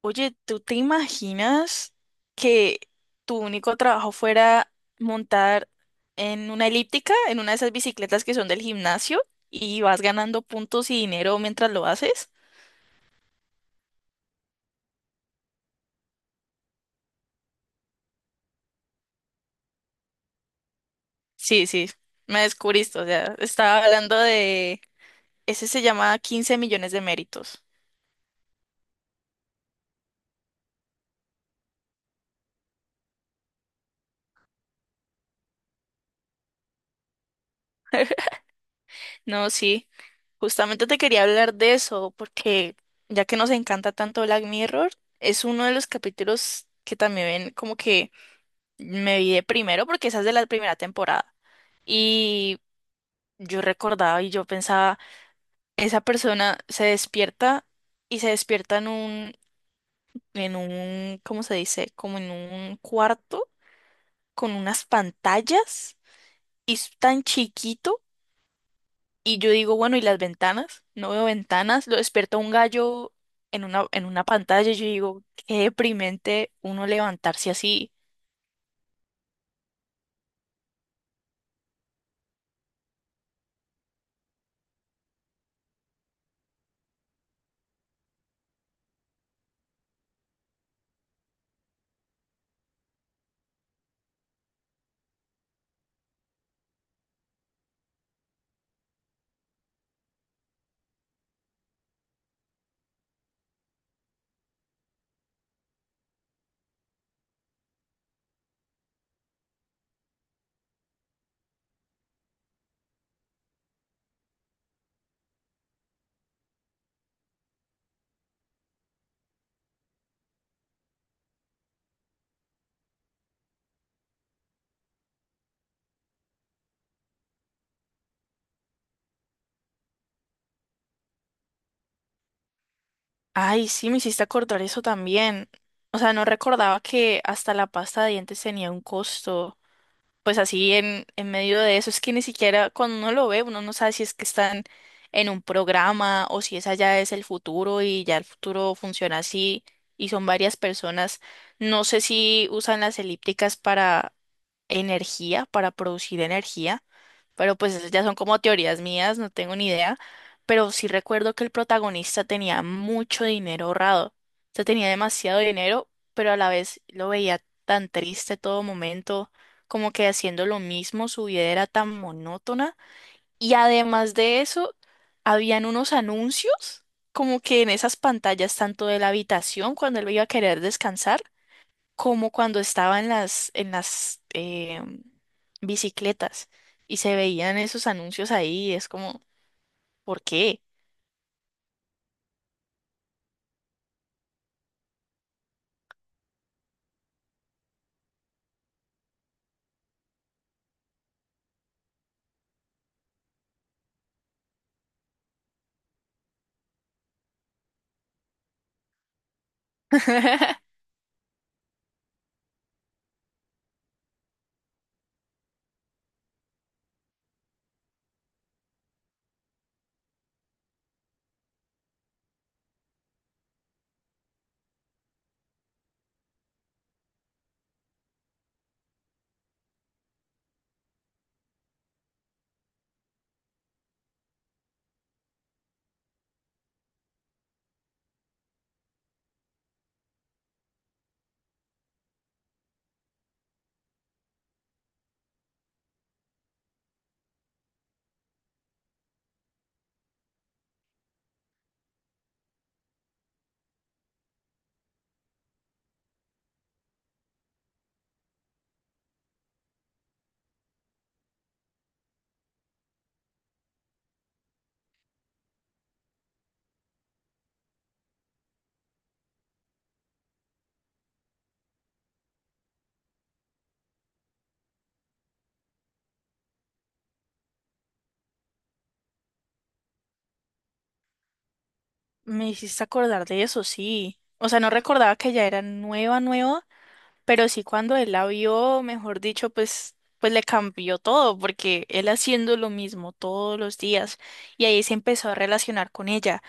Oye, ¿tú te imaginas que tu único trabajo fuera montar en una elíptica, en una de esas bicicletas que son del gimnasio, y vas ganando puntos y dinero mientras lo haces? Sí, sí, me descubriste, o sea, estaba hablando de... Ese se llama 15 millones de méritos. No, sí, justamente te quería hablar de eso, porque ya que nos encanta tanto Black Mirror, es uno de los capítulos que también ven como que me vi de primero porque esa es de la primera temporada. Y yo recordaba y yo pensaba, esa persona se despierta y se despierta en un, ¿cómo se dice? Como en un cuarto con unas pantallas y es tan chiquito. Y yo digo, bueno, ¿y las ventanas? No veo ventanas. Lo despierta un gallo en una pantalla. Yo digo, qué deprimente uno levantarse así. Ay, sí, me hiciste acordar eso también. O sea, no recordaba que hasta la pasta de dientes tenía un costo. Pues así en medio de eso, es que ni siquiera cuando uno lo ve, uno no sabe si es que están en un programa o si esa ya es el futuro y ya el futuro funciona así y son varias personas. No sé si usan las elípticas para energía, para producir energía, pero pues esas ya son como teorías mías, no tengo ni idea, pero sí recuerdo que el protagonista tenía mucho dinero ahorrado, o sea, tenía demasiado dinero, pero a la vez lo veía tan triste todo momento, como que haciendo lo mismo, su vida era tan monótona, y además de eso, habían unos anuncios, como que en esas pantallas, tanto de la habitación, cuando él iba a querer descansar, como cuando estaba en bicicletas y se veían esos anuncios ahí, es como, ¿por qué? Me hiciste acordar de eso, sí. O sea, no recordaba que ya era nueva, nueva, pero sí cuando él la vio, mejor dicho, pues, pues le cambió todo, porque él haciendo lo mismo todos los días y ahí se empezó a relacionar con ella.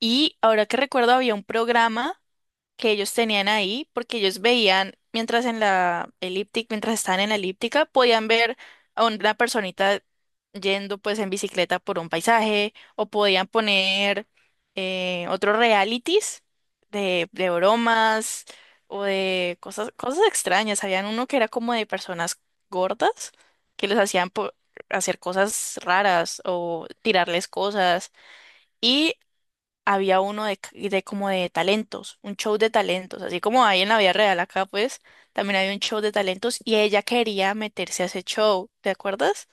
Y ahora que recuerdo, había un programa que ellos tenían ahí, porque ellos veían, mientras en la elíptica, mientras estaban en la elíptica, podían ver a una personita yendo pues en bicicleta por un paisaje, o podían poner otros realities de bromas o de cosas, cosas extrañas. Habían uno que era como de personas gordas que les hacían hacer cosas raras o tirarles cosas. Y había uno de, c- de como de talentos, un show de talentos, así como hay en la vida real acá, pues también había un show de talentos y ella quería meterse a ese show, ¿te acuerdas?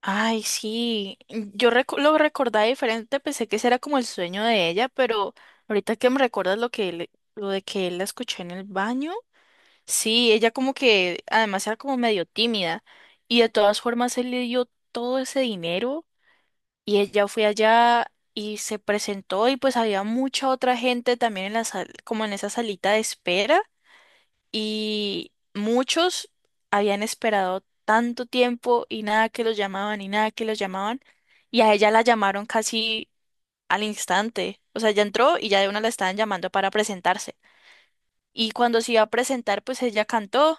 Ay, sí, yo recu- lo recordaba diferente, pensé que ese era como el sueño de ella, pero ahorita que me recuerdas lo que él- lo de que él la escuché en el baño, sí, ella como que además era como medio tímida y de todas formas él le dio todo ese dinero. Y ella fue allá y se presentó y pues había mucha otra gente también en la sal, como en esa salita de espera y muchos habían esperado tanto tiempo y nada que los llamaban y nada que los llamaban y a ella la llamaron casi al instante. O sea, ella entró y ya de una la estaban llamando para presentarse. Y cuando se iba a presentar, pues ella cantó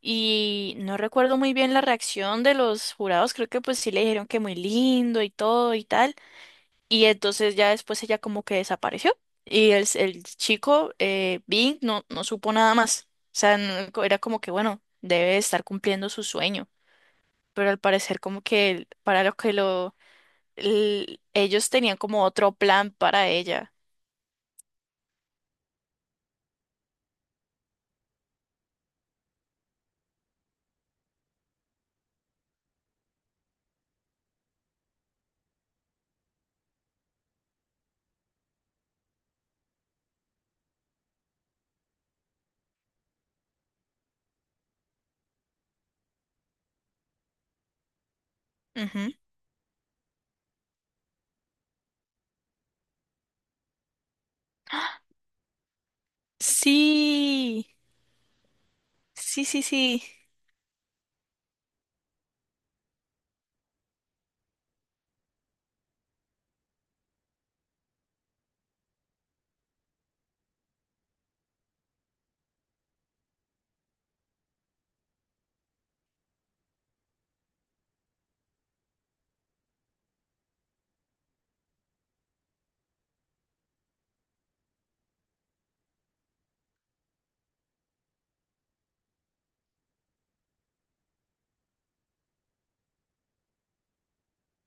y no recuerdo muy bien la reacción de los jurados, creo que pues sí le dijeron que muy lindo y todo y tal. Y entonces ya después ella como que desapareció y el chico, Bing, no, no supo nada más. O sea, no- co- era como que, bueno, debe estar cumpliendo su sueño, pero al parecer como que el- para lo que lo... el- ellos tenían como otro plan para ella. Ujú. Sí, sí, sí, sí.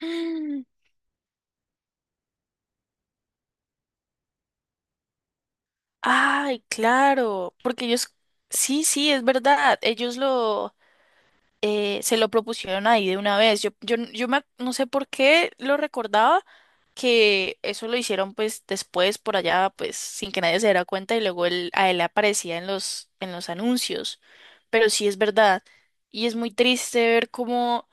Mm. Ay, claro, porque ellos... Sí, sí, es verdad. Ellos lo... se lo propusieron ahí de una vez. Yo me ac- no sé por qué lo recordaba que eso lo hicieron pues después por allá pues sin que nadie se diera cuenta y luego él, a él aparecía en los anuncios. Pero sí es verdad y es muy triste ver cómo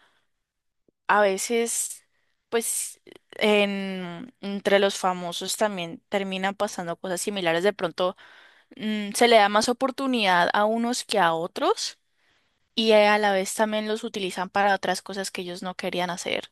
a veces pues entre los famosos también terminan pasando cosas similares. De pronto se le da más oportunidad a unos que a otros y a la vez también los utilizan para otras cosas que ellos no querían hacer.